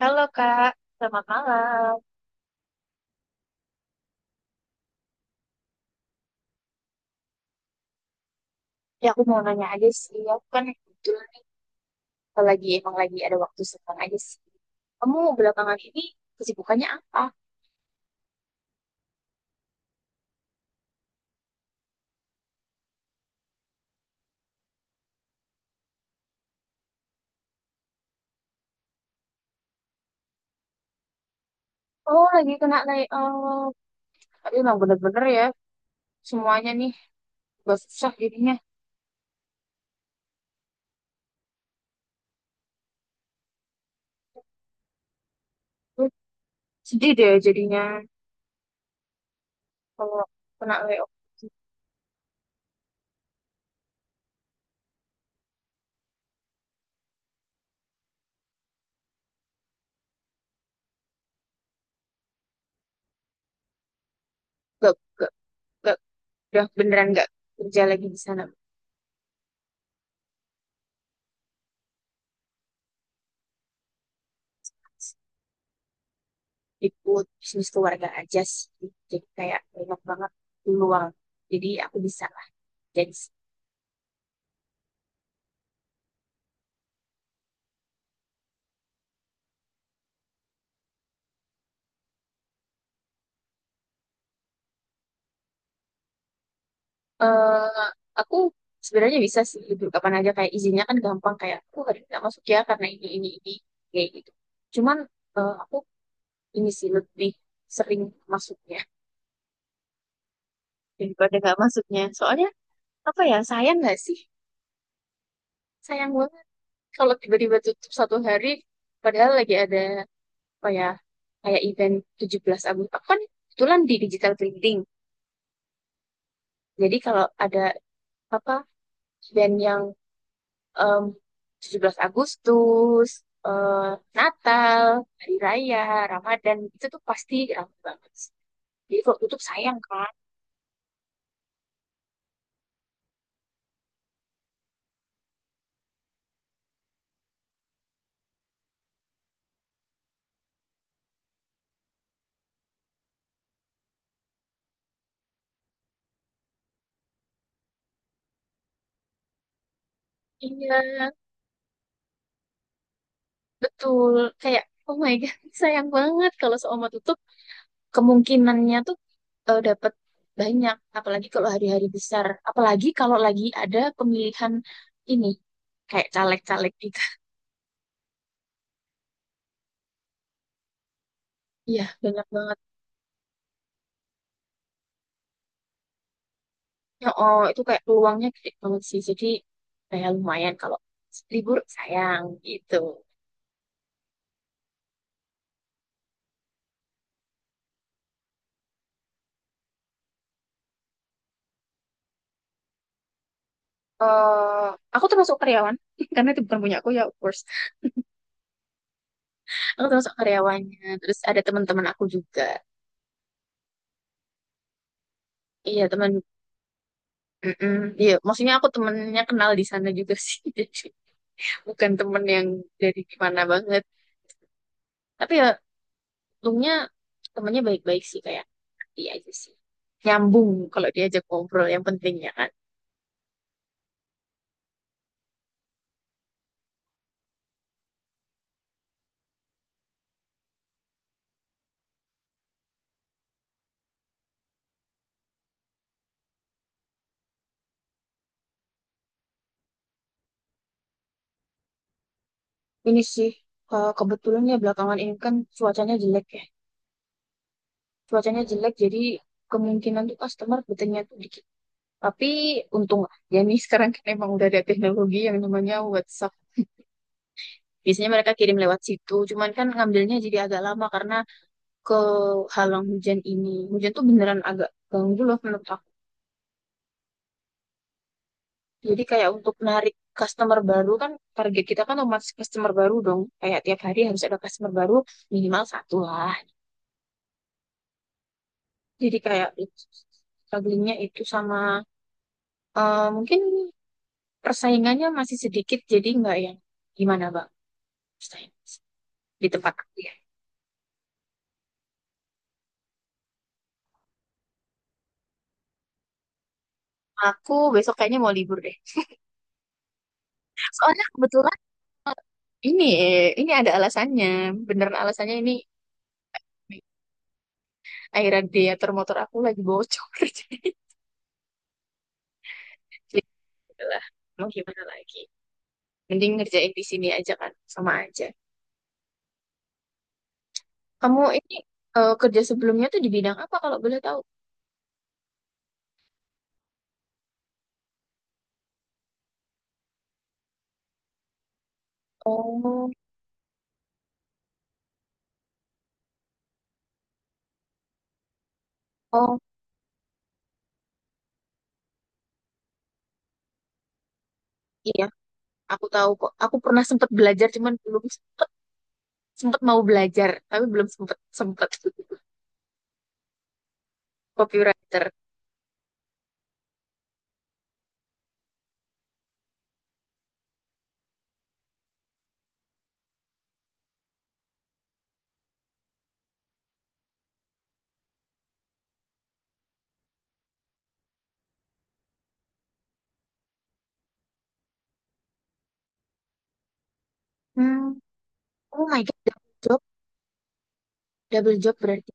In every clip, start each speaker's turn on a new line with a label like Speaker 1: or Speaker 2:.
Speaker 1: Halo Kak, selamat malam. Ya aku mau nanya aja sih, aku kan kebetulan nih, kalau lagi emang lagi ada waktu senggang aja sih. Kamu belakangan ini kesibukannya apa? Oh lagi kena layoff. Tapi emang bener-bener ya, semuanya nih gak susah jadinya. Duh, sedih deh jadinya kalau kena layoff. Gak, gak, gak, udah beneran gak kerja lagi di sana. Ikut bisnis keluarga aja sih. Jadi kayak banyak banget peluang. Jadi aku bisa lah jadi eh aku sebenarnya bisa sih libur kapan aja kayak izinnya kan gampang kayak aku hari ini nggak masuk ya karena ini kayak gitu. Cuman aku ini sih lebih sering masuknya daripada nggak masuknya. Soalnya apa ya sayang nggak sih? Sayang banget kalau tiba-tiba tutup satu hari padahal lagi ada apa ya kayak event 17 Agustus. Aku kan kebetulan di digital printing. Jadi kalau ada apa event yang em, 17 Agustus, eh, Natal, Hari Raya, Ramadan, itu tuh pasti ramai banget. Jadi kalau tutup sayang kan? Iya, betul. Kayak, oh my God, sayang banget kalau seumur tutup. Kemungkinannya tuh dapat banyak, apalagi kalau hari-hari besar. Apalagi kalau lagi ada pemilihan ini, kayak caleg-caleg gitu. Iya, banyak banget. Ya, oh, itu kayak peluangnya gede banget sih. Jadi, kayak lumayan kalau libur sayang gitu. eh aku termasuk karyawan karena itu bukan punya aku ya of course aku termasuk karyawannya terus ada teman-teman aku juga iya teman mm iya maksudnya aku temennya kenal di sana juga sih jadi bukan temen yang dari gimana banget tapi ya untungnya temennya baik-baik sih kayak iya aja sih nyambung kalau diajak ngobrol yang penting ya kan. Ini sih, kebetulan ya belakangan ini kan cuacanya jelek ya. Cuacanya jelek jadi kemungkinan tuh customer betulnya tuh dikit. Tapi untung ya nih sekarang kan emang udah ada teknologi yang namanya WhatsApp. Biasanya mereka kirim lewat situ, cuman kan ngambilnya jadi agak lama karena kehalang hujan ini. Hujan tuh beneran agak ganggu loh menurut aku. Jadi kayak untuk narik customer baru kan target kita kan otomatis customer baru dong. Kayak tiap hari harus ada customer baru minimal satu lah. Jadi kayak strugglingnya itu sama mungkin persaingannya masih sedikit jadi nggak yang gimana bang persaing- di tempat aku ya. Aku besok kayaknya mau libur deh. Soalnya kebetulan ini ini ada alasannya. Beneran alasannya ini aerator motor aku lagi bocor. Jadi ya lah mau gimana lagi. Mending ngerjain di sini aja kan, sama aja. Kamu ini kerja sebelumnya tuh di bidang apa kalau boleh tahu? Oh, oh iya, aku tahu kok. Aku pernah sempat belajar, cuman belum sempet, sempet mau belajar, tapi belum sempet sempet. Copywriter. Hmm. Oh my God, double job berarti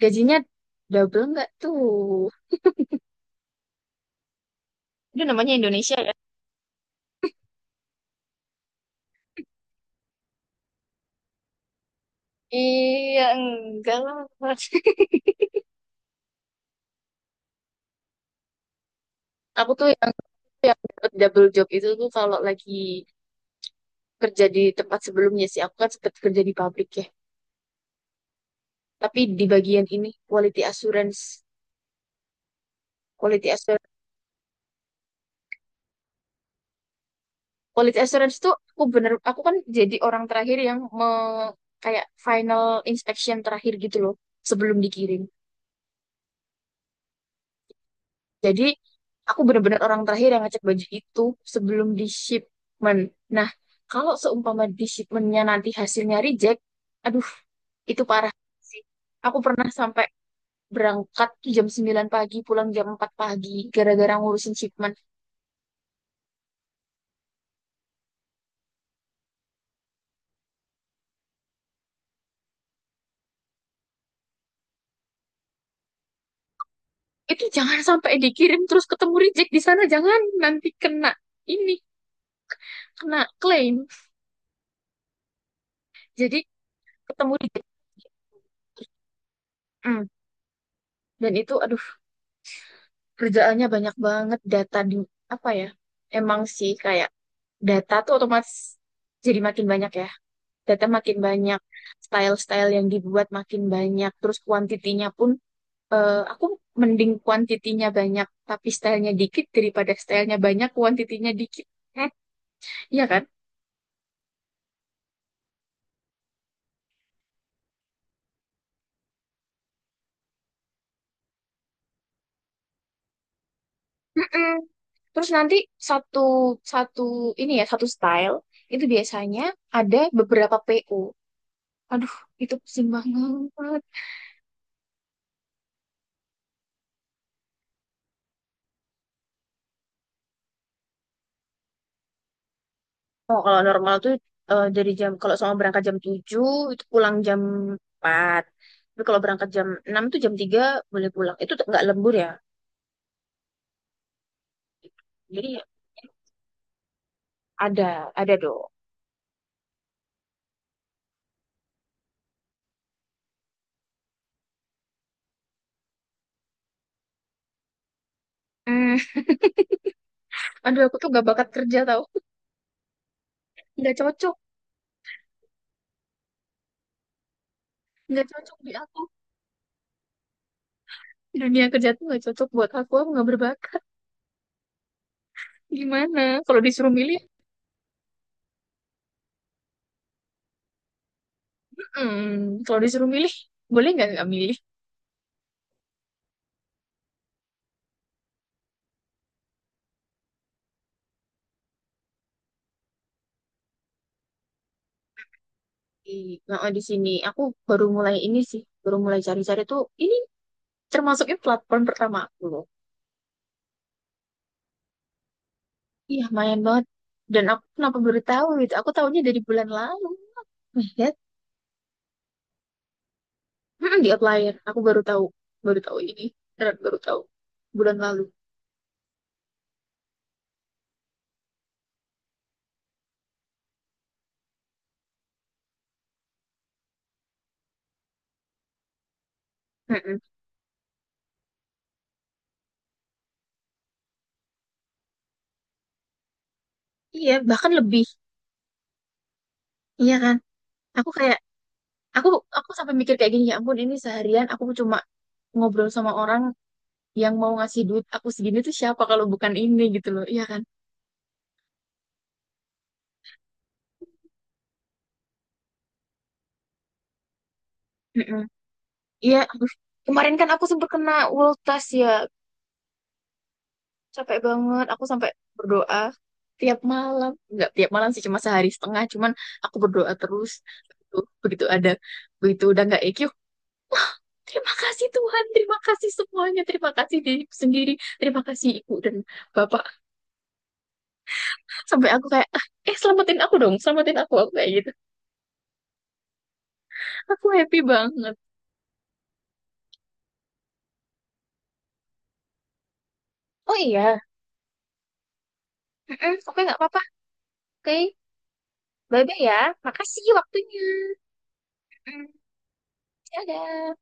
Speaker 1: gajinya double nggak tuh? Itu namanya Indonesia ya? Iya, enggak lah. Aku tuh yang dapet double job itu tuh kalau lagi kerja di tempat sebelumnya sih. Aku kan sempat kerja di pabrik ya. Tapi di bagian ini quality assurance, quality assurance. Quality assurance tuh aku bener aku kan jadi orang terakhir yang me- kayak final inspection terakhir gitu loh sebelum dikirim. Jadi aku bener-bener orang terakhir yang ngecek baju itu sebelum di shipment. Nah, kalau seumpama di shipmentnya nanti hasilnya reject, aduh itu parah sih. Aku pernah sampai berangkat jam 9 pagi, pulang jam 4 pagi, gara-gara ngurusin shipment. Itu jangan sampai dikirim terus ketemu reject di sana, jangan nanti kena ini, kena klaim. Jadi ketemu di mm. Dan itu aduh kerjaannya banyak banget data di apa ya? Emang sih kayak data tuh otomatis jadi makin banyak ya. Data makin banyak, style-style yang dibuat makin banyak, terus kuantitinya pun aku mending kuantitinya banyak tapi stylenya dikit daripada stylenya banyak kuantitinya dikit. Heh, iya kan? Mm-mm. Terus nanti satu satu ini ya satu style itu biasanya ada beberapa PO. Aduh, itu pusing banget. Oh, kalau normal tuh dari jam kalau sama berangkat jam 7 itu pulang jam 4. Tapi kalau berangkat jam 6 tuh jam 3 boleh pulang. Itu tuh nggak lembur ya. Jadi ada, ada dong. Hmm, aduh aku tuh gak bakat kerja tau. Gak cocok, gak cocok di aku. Dunia kerja tuh gak cocok buat aku gak berbakat. Gimana? Kalau disuruh milih, hmm, kalau disuruh milih, boleh nggak milih? Di, nah, di sini aku baru mulai ini sih, baru mulai cari-cari tuh ini termasuknya platform pertama aku loh. Iya, main banget. Dan aku kenapa baru tahu gitu? Aku tahunya dari bulan lalu. Lihat, mm-mm, di Outlier. Aku baru tahu ini. Beneran baru tahu bulan lalu. Mm-mm. Iya, bahkan lebih. Iya kan? Aku kayak, aku aku sampai mikir kayak gini ya ampun ini seharian aku cuma ngobrol sama orang yang mau ngasih duit aku segini tuh siapa kalau bukan ini gitu loh. Iya kan? Mm-mm. Iya, aduh. Kemarin kan aku sempat kena ultas ya. Capek banget. Aku sampai berdoa tiap malam. Nggak tiap malam sih, cuma sehari setengah. Cuman aku berdoa terus. Begitu, begitu ada, begitu udah nggak EQ. Terima kasih Tuhan, terima kasih semuanya, terima kasih diriku sendiri, terima kasih ibu dan bapak. Sampai aku kayak, "Ah, selamatin aku dong, selamatin aku," aku kayak gitu. Aku happy banget. Oh iya, mm-mm, oke nggak apa-apa. Oke, bye-bye ya. Makasih waktunya. Mm, dadah.